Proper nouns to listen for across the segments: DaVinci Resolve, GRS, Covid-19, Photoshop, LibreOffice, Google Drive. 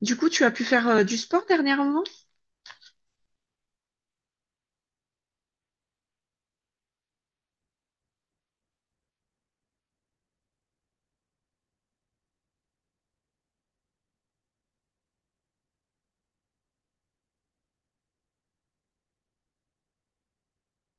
Du coup, tu as pu faire du sport dernièrement?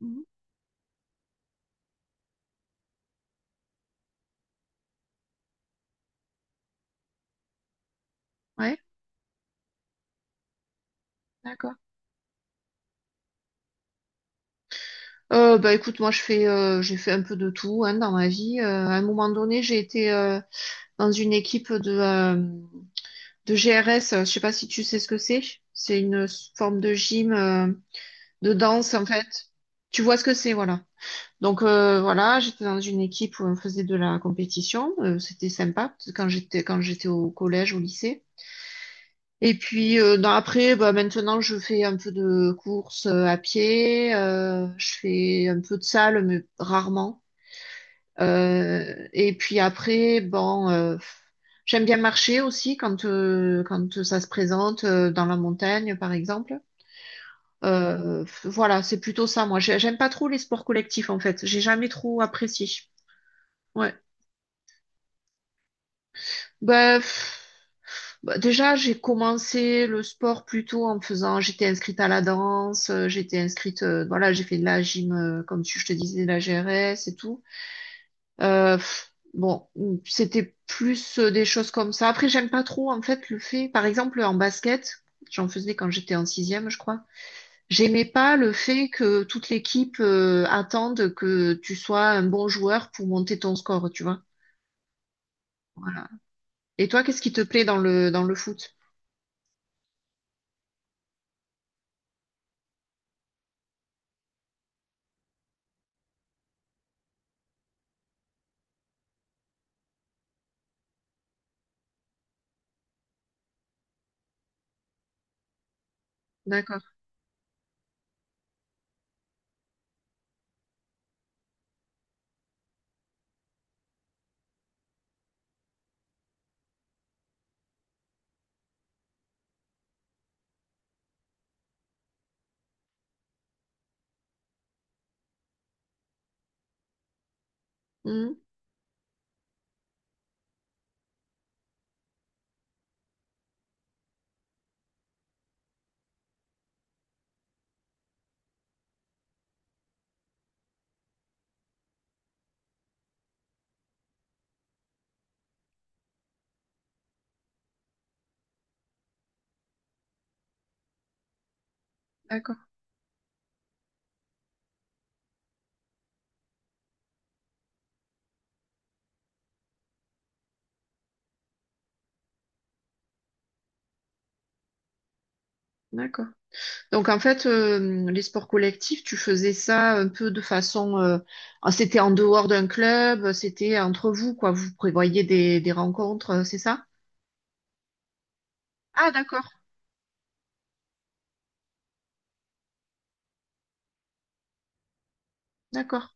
Mhm. Ouais, d'accord. Bah écoute, moi je fais, j'ai fait un peu de tout hein, dans ma vie. À un moment donné, j'ai été dans une équipe de GRS. Je sais pas si tu sais ce que c'est. C'est une forme de gym, de danse en fait. Tu vois ce que c'est, voilà. Donc voilà, j'étais dans une équipe où on faisait de la compétition, c'était sympa parce que quand j'étais au collège, au lycée. Et puis après, bah, maintenant je fais un peu de course à pied, je fais un peu de salle mais rarement. Et puis après, bon, j'aime bien marcher aussi quand ça se présente dans la montagne par exemple. Voilà, c'est plutôt ça, moi. J'aime pas trop les sports collectifs, en fait. J'ai jamais trop apprécié. Ouais. Bah, pff, bah, déjà, j'ai commencé le sport plutôt en faisant, j'étais inscrite à la danse, j'étais inscrite, voilà, j'ai fait de la gym, comme tu, je te disais, de la GRS et tout. Pff, bon, c'était plus des choses comme ça. Après, j'aime pas trop, en fait, le fait, par exemple, en basket, j'en faisais quand j'étais en sixième, je crois. J'aimais pas le fait que toute l'équipe attende que tu sois un bon joueur pour monter ton score, tu vois. Voilà. Et toi, qu'est-ce qui te plaît dans le foot? D'accord. Mhm. D'accord. D'accord. Donc en fait, les sports collectifs, tu faisais ça un peu de façon, ah, c'était en dehors d'un club, c'était entre vous, quoi. Vous prévoyez des rencontres, c'est ça? Ah d'accord, d'accord,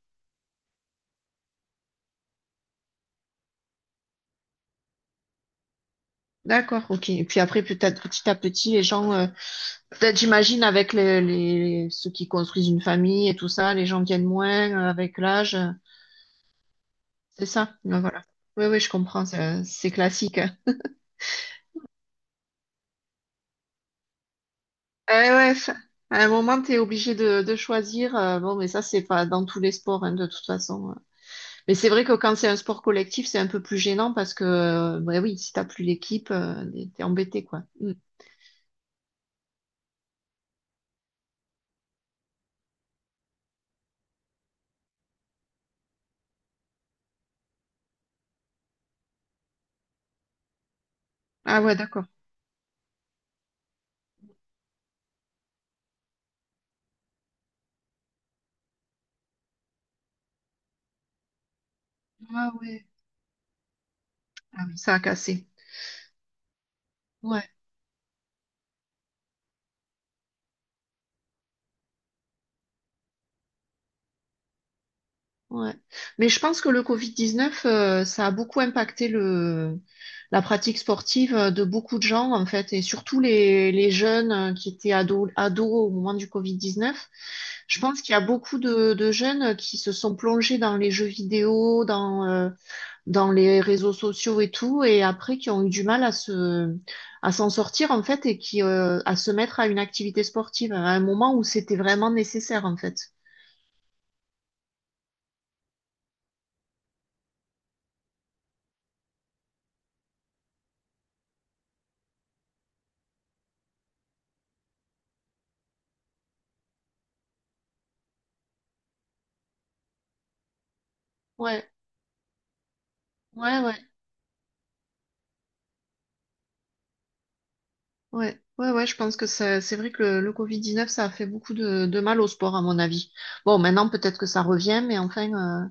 d'accord, ok. Et puis après, peut-être petit à petit, les gens. Peut-être j'imagine avec les, ceux qui construisent une famille et tout ça, les gens tiennent moins avec l'âge. C'est ça. Donc, voilà. Oui, oui, je comprends. C'est classique. Eh ouais, à un moment, tu es obligé de choisir. Bon, mais ça, c'est pas dans tous les sports, hein, de toute façon. Mais c'est vrai que quand c'est un sport collectif, c'est un peu plus gênant parce que, ouais, oui, si t'as plus l'équipe, t'es embêté, quoi. Mm. Ah ouais, d'accord. Ah ouais. Ah oui, ça a cassé. Ouais. Ouais. Mais je pense que le Covid-19, ça a beaucoup impacté le, la pratique sportive de beaucoup de gens, en fait, et surtout les jeunes qui étaient ados, ados au moment du Covid-19. Je pense qu'il y a beaucoup de jeunes qui se sont plongés dans les jeux vidéo, dans les réseaux sociaux et tout, et après qui ont eu du mal à se, à s'en sortir, en fait, et qui, à se mettre à une activité sportive à un moment où c'était vraiment nécessaire, en fait. Ouais, ouais, ouais. Ouais, ouais, ouais, je pense que c'est vrai que le Covid-19, ça a fait beaucoup de mal au sport, à mon avis. Bon, maintenant, peut-être que ça revient, mais enfin,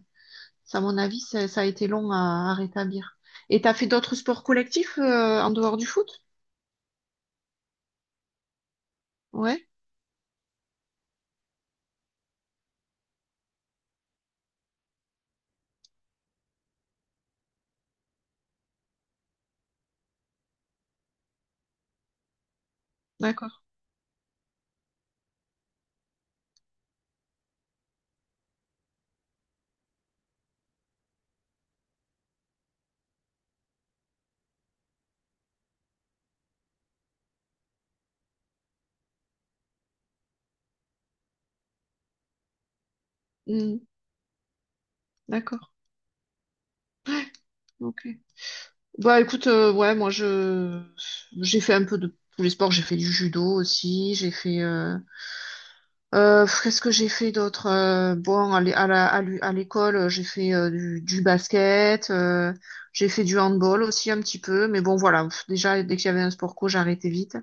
ça, à mon avis, ça a été long à rétablir. Et t'as fait d'autres sports collectifs en dehors du foot? Ouais, d'accord. Hmm, d'accord, ok. Bah écoute, ouais, moi, je j'ai fait un peu de tous les sports. J'ai fait du judo aussi, j'ai fait. Qu'est-ce que j'ai fait d'autre? Bon, à l'école, j'ai fait du basket, j'ai fait du handball aussi un petit peu, mais bon, voilà. Pff, déjà, dès qu'il y avait un sport co, j'arrêtais vite.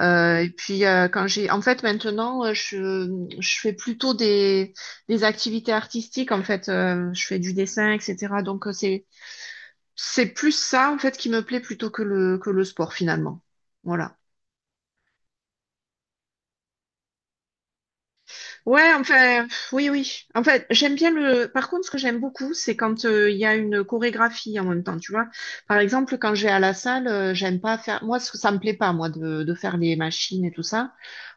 Et puis, quand j'ai, en fait, maintenant, je fais plutôt des activités artistiques. En fait, je fais du dessin, etc. Donc, c'est plus ça, en fait, qui me plaît plutôt que le sport, finalement. Voilà. Ouais, enfin, pff, oui, oui. En fait, j'aime bien le. Par contre, ce que j'aime beaucoup, c'est quand il y a une chorégraphie en même temps, tu vois. Par exemple, quand je vais à la salle, j'aime pas faire. Moi, ce que ça me plaît pas, moi, de faire les machines et tout ça.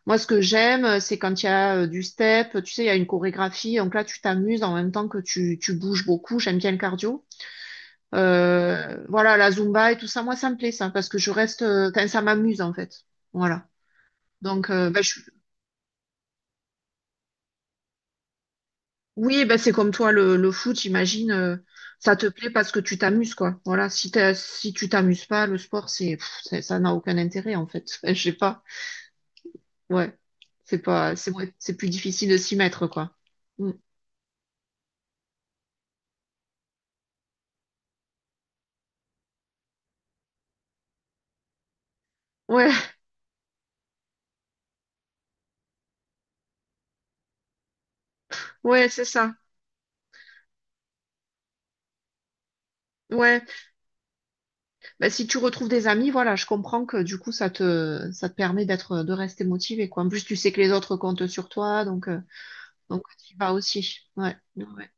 Moi, ce que j'aime, c'est quand il y a du step, tu sais, il y a une chorégraphie. Donc là, tu t'amuses en même temps que tu bouges beaucoup. J'aime bien le cardio. Voilà, la Zumba et tout ça, moi, ça me plaît, ça, parce que je reste. Enfin, ça m'amuse, en fait. Voilà. Donc, ben, je Oui, ben c'est comme toi, le foot, j'imagine, ça te plaît parce que tu t'amuses, quoi. Voilà, si si tu t'amuses pas, le sport, c'est, pff, ça n'a aucun intérêt, en fait. Je sais pas. Ouais. C'est pas, c'est ouais, c'est plus difficile de s'y mettre, quoi. Mm. Ouais, ouais, c'est ça. Ouais. Ben, si tu retrouves des amis, voilà, je comprends que du coup, ça te permet d'être, de rester motivé, quoi. En plus, tu sais que les autres comptent sur toi, donc tu y vas aussi. Ouais. Ouais.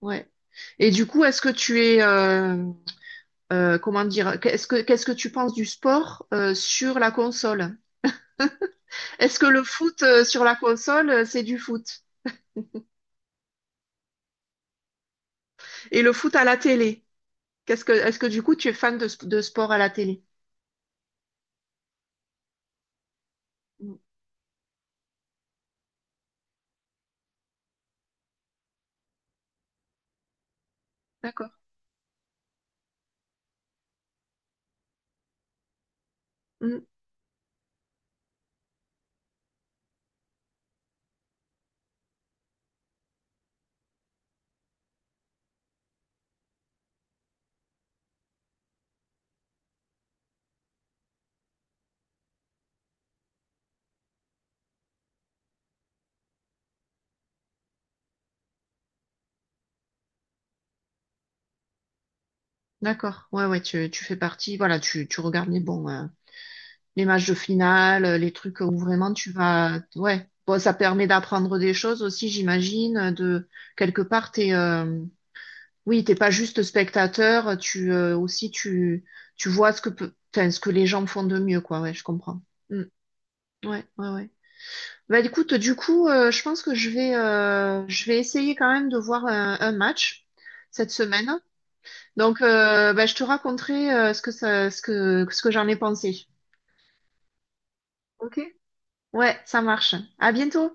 Ouais. Et du coup, est-ce que tu es, comment dire, qu'est-ce que tu penses du sport sur la console? Est-ce que le foot sur la console, c'est du foot? Et le foot à la télé? Qu'est-ce que est-ce que du coup tu es fan de sport à la télé? Mm. D'accord. Mm. D'accord. Ouais, ouais, tu fais partie. Voilà, tu regardes les bons les matchs de finale, les trucs où vraiment tu vas. Ouais. Bon, ça permet d'apprendre des choses aussi, j'imagine, de quelque part, t'es, Oui, t'es pas juste spectateur, tu aussi tu vois ce que peut, enfin, ce que les gens font de mieux, quoi. Ouais, je comprends. Mm. Ouais, ouais, ouais. Bah écoute, du coup, je pense que je vais essayer quand même de voir un match cette semaine. Donc, bah, je te raconterai ce que ça, ce que j'en ai pensé. Ok. Ouais, ça marche. À bientôt.